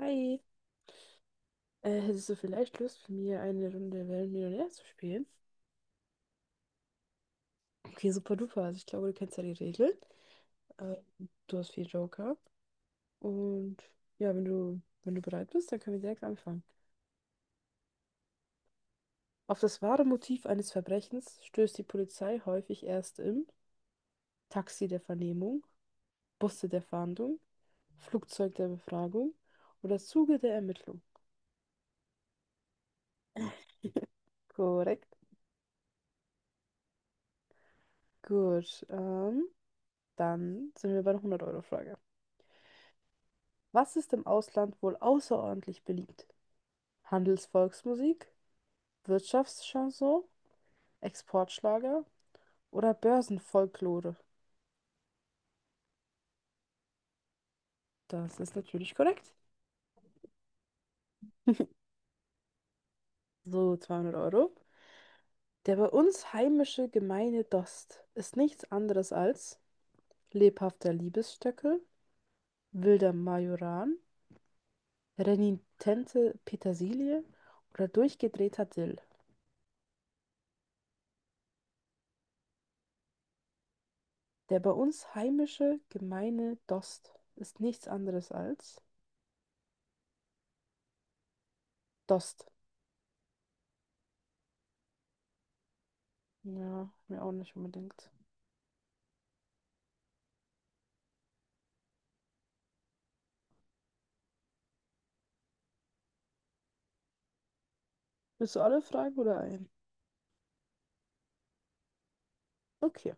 Hi, hättest du vielleicht Lust, mit mir eine Runde Wer wird Millionär zu spielen? Okay, super duper. Also ich glaube, du kennst ja die Regeln. Äh, Du hast vier Joker. Und ja, wenn du, wenn du bereit bist, dann können wir direkt anfangen. Auf das wahre Motiv eines Verbrechens stößt die Polizei häufig erst im Taxi der Vernehmung, Busse der Fahndung, Flugzeug der Befragung oder Zuge der Ermittlung. Korrekt. Gut, dann sind wir bei der 100-Euro-Frage. Was ist im Ausland wohl außerordentlich beliebt? Handelsvolksmusik, Wirtschaftschanson, Exportschlager oder Börsenfolklore? Das ist natürlich korrekt. So, 200 Euro. Der bei uns heimische gemeine Dost ist nichts anderes als lebhafter Liebesstöckel, wilder Majoran, renitente Petersilie oder durchgedrehter Dill. Der bei uns heimische gemeine Dost ist nichts anderes als Dost. Ja, mir auch nicht unbedingt. Willst du alle Fragen oder ein? Okay.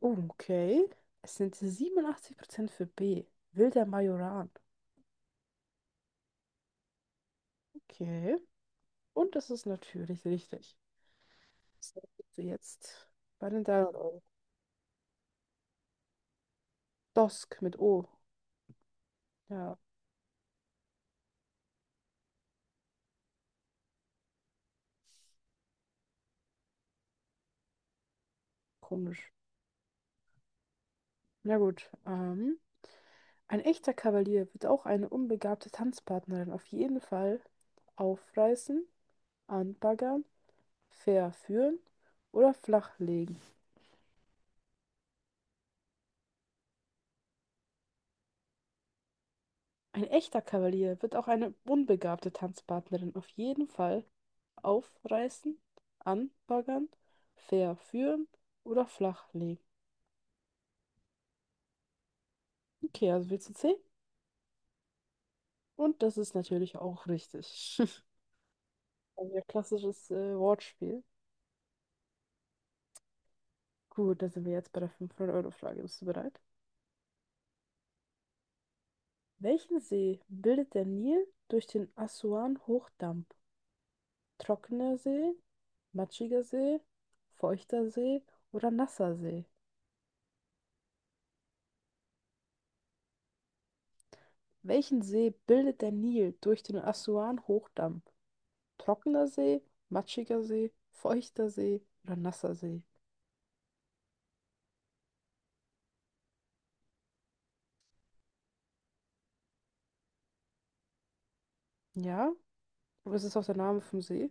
Oh, okay. Es sind 87% für B. Wilder Majoran. Okay. Und das ist natürlich richtig. So, bist du jetzt bei den 300 Euro. Dosk mit O. Ja, komisch. Na gut. Ein echter Kavalier wird auch eine unbegabte Tanzpartnerin auf jeden Fall aufreißen, anbaggern, verführen oder flachlegen. Ein echter Kavalier wird auch eine unbegabte Tanzpartnerin auf jeden Fall aufreißen, anbaggern, verführen oder flachlegen. Okay, also wir zu C. Und das ist natürlich auch richtig. Also ein klassisches Wortspiel. Gut, da sind wir jetzt bei der fünfhundert euro frage. Bist du bereit? Welchen See bildet der Nil durch den Assuan-Hochdamm? Trockener See, matschiger See, feuchter See oder nasser See? Welchen See bildet der Nil durch den Assuan-Hochdamm? Trockener See, matschiger See, feuchter See oder nasser See? Ja, aber es ist auch der Name vom See.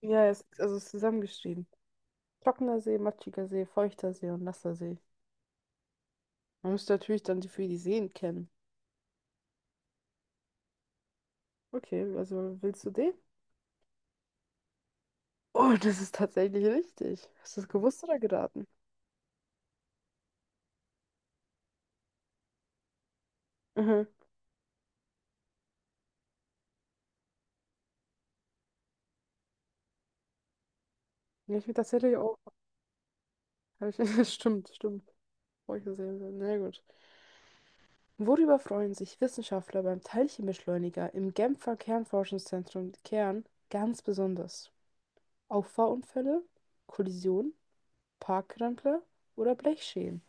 Ja, es, also es ist zusammengeschrieben. Trockener See, matschiger See, feuchter See und nasser See. Man müsste natürlich dann die für die Seen kennen. Okay, also willst du den? Oh, das ist tatsächlich richtig. Hast du das gewusst oder geraten? Mhm. Ja, ich bin tatsächlich auch. Hab ich, stimmt, stimmt. Feuchter See. Na gut. Worüber freuen sich Wissenschaftler beim Teilchenbeschleuniger im Genfer Kernforschungszentrum Kern ganz besonders? Auffahrunfälle, Kollisionen, Parkrempler oder Blechschäden?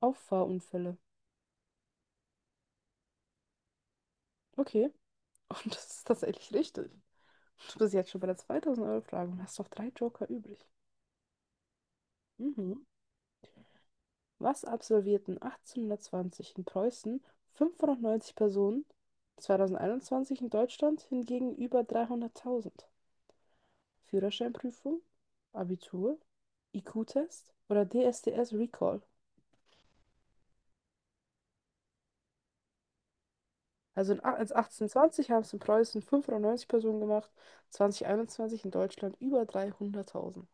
Auffahrunfälle. Okay, und das ist tatsächlich richtig. Du bist jetzt schon bei der 2000-Euro-Frage und hast noch drei Joker übrig. Mhm. Was absolvierten 1820 in Preußen 590 Personen, 2021 in Deutschland hingegen über 300.000? Führerscheinprüfung, Abitur, IQ-Test oder DSDS Recall. Also als 1820 haben es in Preußen 590 Personen gemacht, 2021 in Deutschland über 300.000.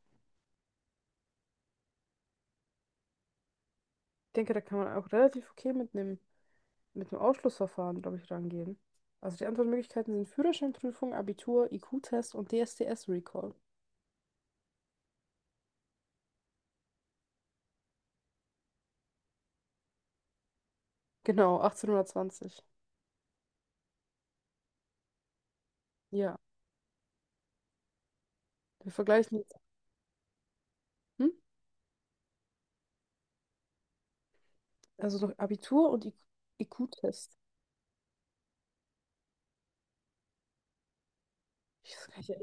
Ich denke, da kann man auch relativ okay mit einem Ausschlussverfahren, glaube ich, rangehen. Also die Antwortmöglichkeiten sind Führerscheinprüfung, Abitur, IQ-Test und DSDS Recall. Genau, 1820. Ja, wir vergleichen jetzt. Hm? Also noch Abitur und IQ-Test. Ich, das kann ich ja.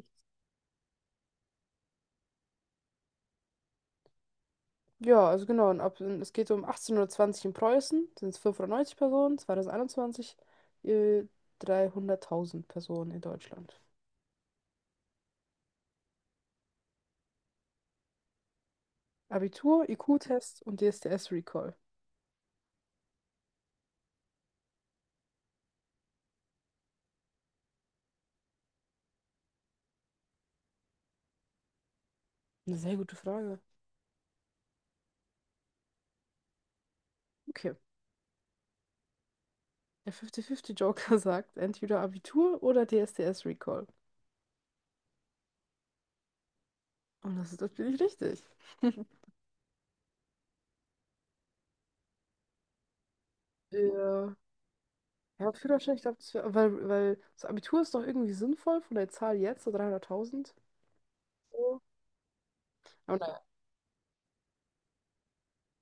Ja, also genau. Und ab, es geht so um 1820 in Preußen, sind es 590 Personen, 2021 äh, 300.000 Personen in Deutschland. Abitur, IQ-Test und DSDS-Recall. Eine sehr gute Frage. Okay. Der 50-50-Joker sagt entweder Abitur oder DSDS-Recall. Und das ist natürlich richtig. Ja, ja, Führerschein, ich glaube, das wär- weil, weil das Abitur ist doch irgendwie sinnvoll von der Zahl jetzt, so 300.000. So. Aber naja,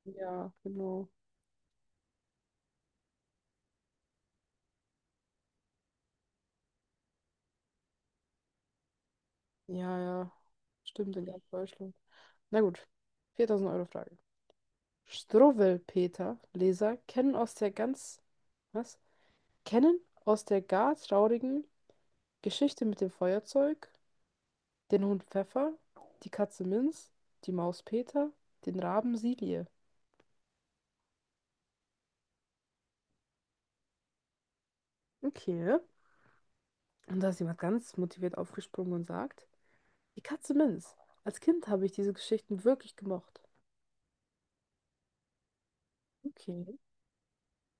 ja, genau. Ja, ja. Stimmt, in ganz Deutschland. Na gut. Viertausend Euro Frage. Struwwelpeter Leser kennen aus der ganz, was? Kennen aus der gar traurigen Geschichte mit dem Feuerzeug, den Hund Pfeffer, die Katze Minz, die Maus Peter, den Raben Silie. Okay. Und da ist jemand ganz motiviert aufgesprungen und sagt, die Katze Minz. Als Kind habe ich diese Geschichten wirklich gemocht. Okay.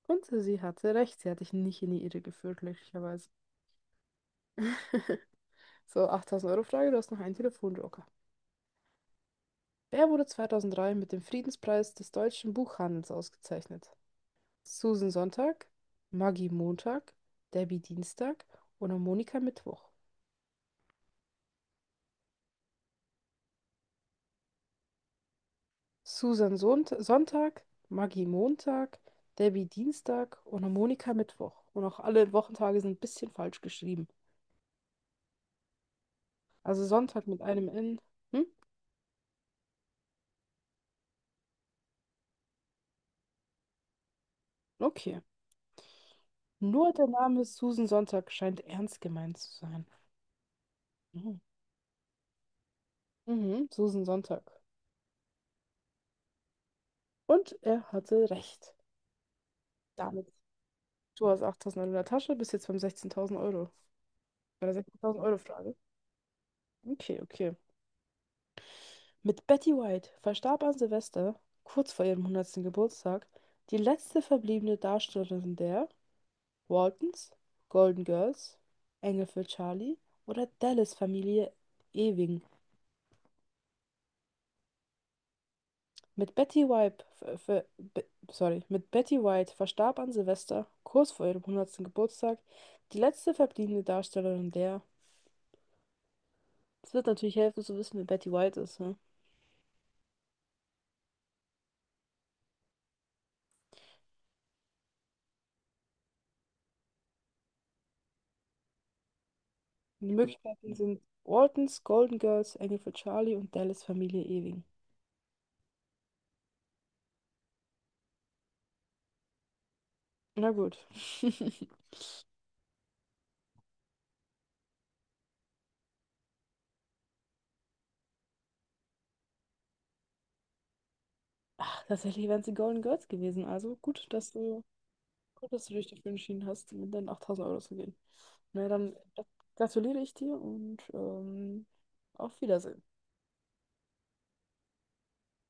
Und sie hatte recht, sie hat dich nicht in die Irre geführt, glücklicherweise. So, 8000-Euro-Frage, du hast noch einen Telefonjoker. Wer wurde 2003 mit dem Friedenspreis des deutschen Buchhandels ausgezeichnet? Susan Sonntag, Maggie Montag, Debbie Dienstag oder Monika Mittwoch? Susan Sont Sonntag, Maggie Montag, Debbie Dienstag oder Monika Mittwoch. Und auch alle Wochentage sind ein bisschen falsch geschrieben. Also Sonntag mit einem N. Hm? Okay. Nur der Name Susan Sonntag scheint ernst gemeint zu sein. Mhm. Mhm. Susan Sonntag. Und er hatte recht. Damit. Du hast 8.900 in der Tasche, bist jetzt beim 16.000 Euro. Bei der 16.000 € Frage. Okay, okay. Mit Betty White verstarb an Silvester, kurz vor ihrem hundertsten Geburtstag, die letzte verbliebene Darstellerin der Waltons, Golden Girls, Engel für Charlie oder Dallas-Familie Ewing. Mit Betty White, ver- ver- be, Sorry, mit Betty White verstarb an Silvester, kurz vor ihrem hundertsten Geburtstag, die letzte verbliebene Darstellerin der. Es wird natürlich helfen zu wissen, wer Betty White ist. Ne? Die Möglichkeiten, Mhm, sind Ortons, Golden Girls, Engel für Charlie und Dallas Familie Ewing. Na gut. Ach, tatsächlich wären sie Golden Girls gewesen. Also gut, dass du dich dafür entschieden hast, mit deinen 8.000 € zu gehen. Na dann gratuliere ich dir und auf Wiedersehen.